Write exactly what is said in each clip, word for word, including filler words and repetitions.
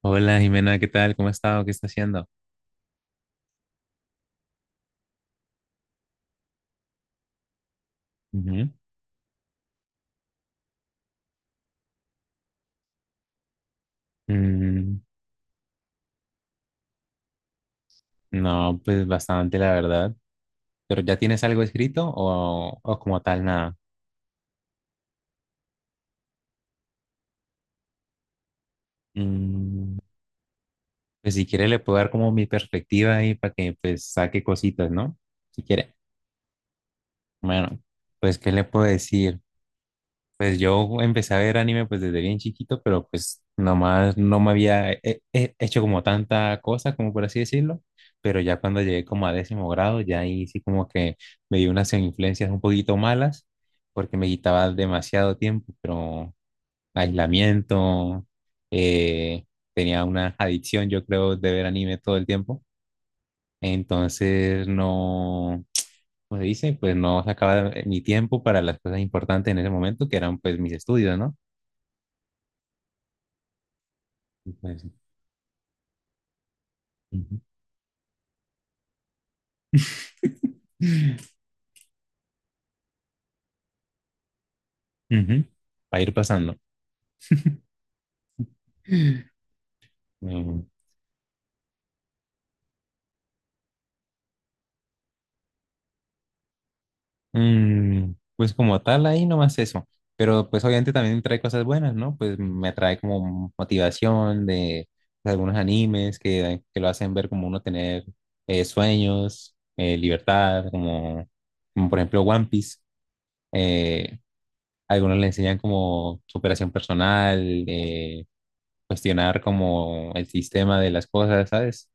Hola Jimena, ¿qué tal? ¿Cómo ha estado? ¿Qué está haciendo? Ujú. Mm, no, pues bastante, la verdad. ¿Pero ya tienes algo escrito o, o como tal nada? Mm, pues si quiere le puedo dar como mi perspectiva ahí para que pues saque cositas, ¿no? Si quiere. Bueno, pues ¿qué le puedo decir? Pues yo empecé a ver anime pues desde bien chiquito, pero pues nomás no me había he- he- hecho como tanta cosa, como por así decirlo, pero ya cuando llegué como a décimo grado, ya ahí sí como que me dio unas influencias un poquito malas, porque me quitaba demasiado tiempo, pero aislamiento, eh, tenía una adicción yo creo de ver anime todo el tiempo, entonces no, ¿como se dice? Pues no sacaba eh, mi tiempo para las cosas importantes en ese momento, que eran pues mis estudios, ¿no? Pues, ujú. Ujú. Va a ir pasando. Mm, mm, pues como tal, ahí nomás eso. Pero pues obviamente también trae cosas buenas, ¿no? Pues me trae como motivación de, algunos animes que, que lo hacen ver como uno tener eh, sueños, eh, libertad, como, como por ejemplo One Piece. Eh, Algunos le enseñan como superación personal, eh, cuestionar como el sistema de las cosas, ¿sabes?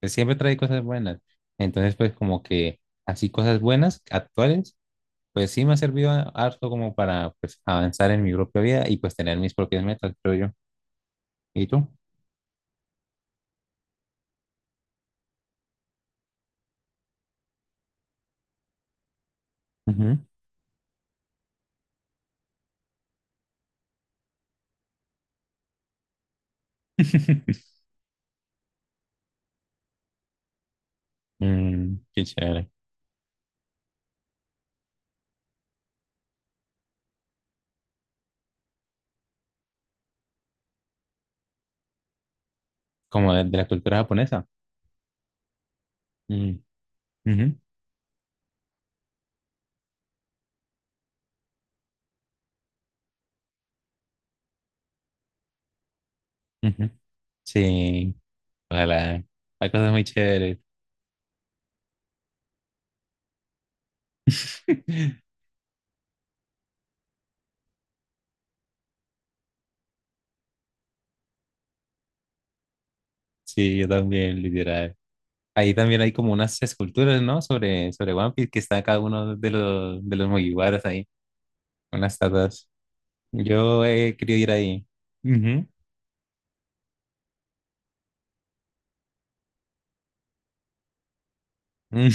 Pues, siempre trae cosas buenas. Entonces, pues como que así cosas buenas, actuales, pues sí me ha servido a- harto como para pues, avanzar en mi propia vida y pues tener mis propias metas, creo yo. ¿Y tú? Ujú. Mm, qué chévere. Como de, de la cultura japonesa. Mm, ujú, ujú. Sí, ojalá. Hay cosas muy chéveres. Sí, yo también, literal. Ahí también hay como unas esculturas, ¿no? Sobre, sobre One Piece que está cada uno de los, de los Mugiwaras ahí. Unas tatas. Yo he querido ir ahí. Ujú. Mm.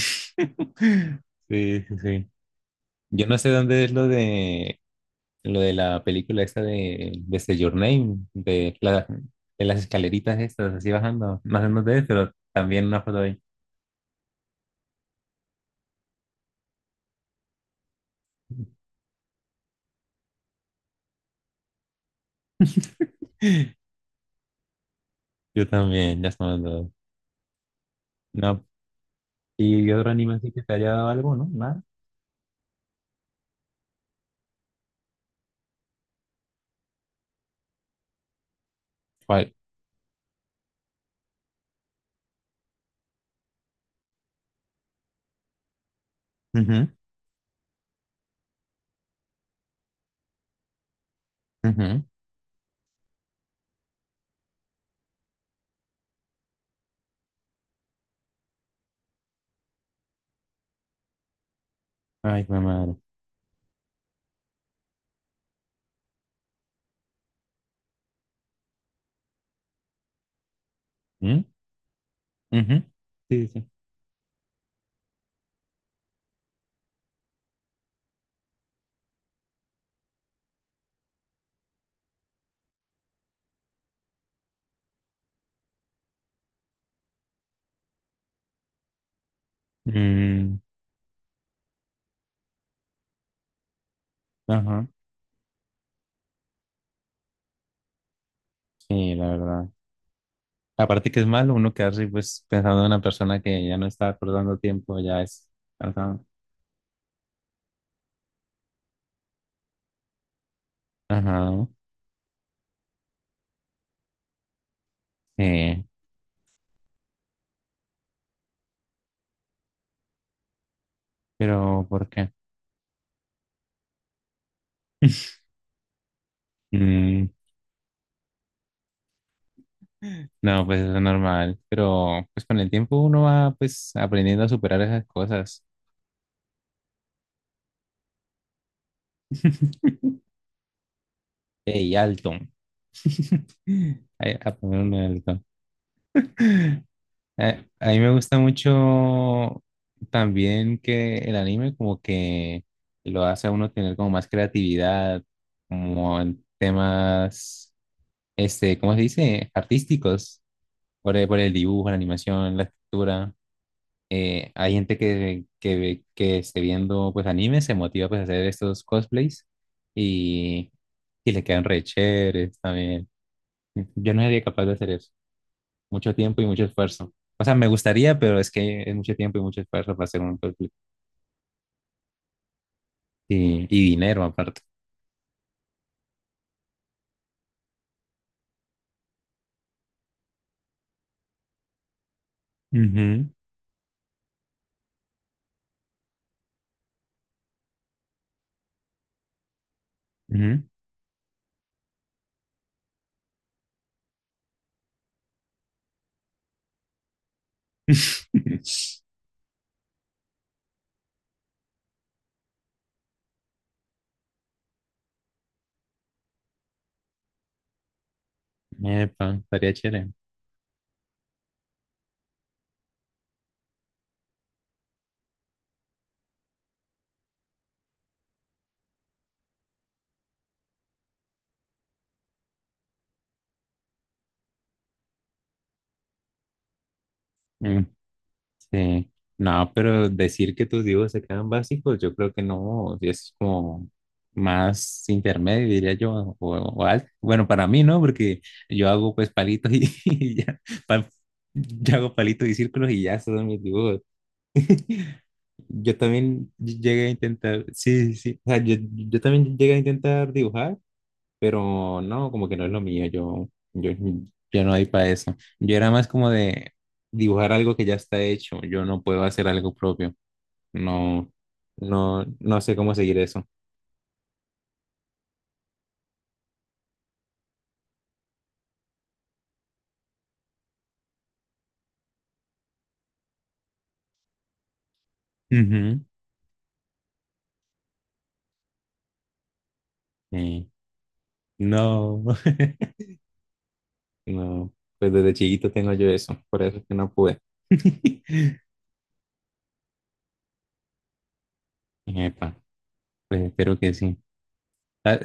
Sí, sí, sí. Yo no sé dónde es lo de lo de la película esta de desde Your Name, de, la- de las escaleritas estas, así bajando. No sé dónde es, pero también una foto ahí. Yo también, ya estamos dos. No. ¿Y otro anime así que te haya dado algo, no? ¿Nada? ¿Cuál? Ujú, ujú. Ay, qué madre. ¿Mm? Ujú. Sí, sí. Mm, ajá. Sí, la verdad. Aparte que es malo uno quedarse pues pensando en una persona que ya no está acordando tiempo, ya es cansado. Ajá. Eh, pero ¿por qué? Mm, no, pues eso es normal. Pero pues con el tiempo uno va pues aprendiendo a superar esas cosas. Ey, alto. Ay, a poner un alto. Eh, a mí me gusta mucho también que el anime como que lo hace a uno tener como más creatividad, como en temas, este, ¿cómo se dice? Artísticos, por el, por el dibujo, la animación, la escritura. Eh, hay gente que, que, ve- que esté viendo pues anime, se motiva pues a hacer estos cosplays y, y le quedan re chéveres también. Yo no sería capaz de hacer eso mucho tiempo y mucho esfuerzo. O sea, me gustaría, pero es que es mucho tiempo y mucho esfuerzo para hacer un película. Y, y dinero aparte. Ujú, ujú. Epa, estaría chévere. Mm, sí. No, pero decir que tus dibujos se quedan básicos, yo creo que no, si es como más intermedio, diría yo, o, o alto. Bueno, para mí, ¿no? Porque yo hago pues palitos y, y ya, pa- yo hago palitos y círculos y ya, esos son mis dibujos. Yo también llegué a intentar, sí, sí, sí, o sea, yo, yo también llegué a intentar dibujar, pero no, como que no es lo mío, yo, yo, yo no hay para eso. Yo era más como de dibujar algo que ya está hecho, yo no puedo hacer algo propio, no, no, no sé cómo seguir eso. Ujú. Eh, no, no, pues desde chiquito tengo yo eso, por eso es que no pude. Epa, pues espero que sí. Ah,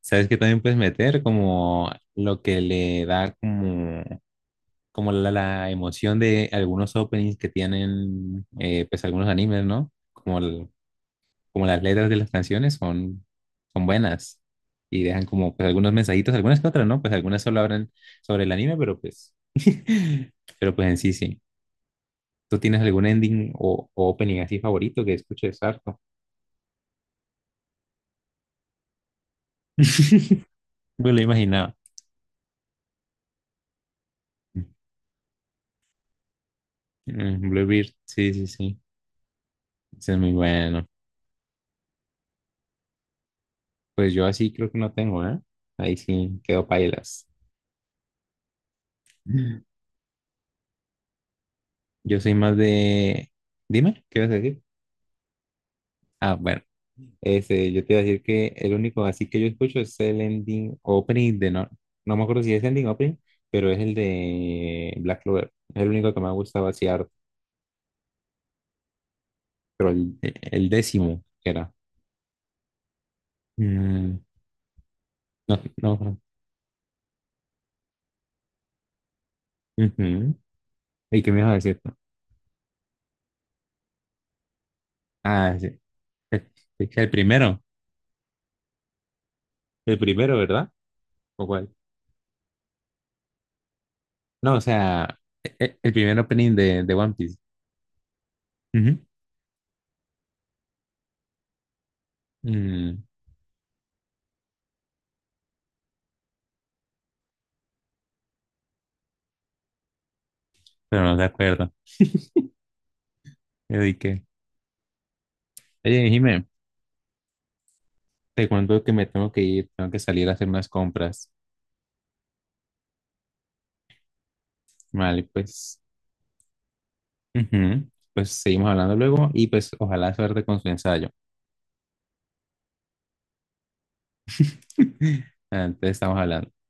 ¿sabes que también puedes meter? Como lo que le da como, como la, la emoción de algunos openings que tienen eh, pues algunos animes, ¿no? Como, el- como las letras de las canciones son, son buenas y dejan como pues algunos mensajitos, algunas que otras, ¿no? Pues algunas solo hablan sobre el anime, pero pues, pero pues en sí sí. ¿Tú tienes algún ending o, o opening así favorito que escuches harto? Me lo imaginaba. Mm, Bluebeard, sí, sí, sí. Ese es muy bueno. Pues yo así creo que no tengo, ¿eh? Ahí sí quedo pailas. Yo soy más de... Dime, ¿qué vas a decir? Ah, bueno. Ese, yo te iba a decir que el único así que yo escucho es el ending opening de... No, no me acuerdo si es ending opening, pero es el de Black Clover. Es el único que me ha gustado así harto. Pero el, el décimo que era. Mm, no, no. Ujú. ¿Y qué me ibas a decir tú? Ah, sí. El, el primero. El primero, ¿verdad? ¿O cuál? No, o sea, e- e- el primer opening de, de One Piece. Ujú. Mm, pero no de acuerdo. Yo dije, oye, Jimé, te cuento que me tengo que ir, tengo que salir a hacer unas compras. Vale, pues, ujú. Pues seguimos hablando luego y pues ojalá suerte con su ensayo. Entonces estamos hablando.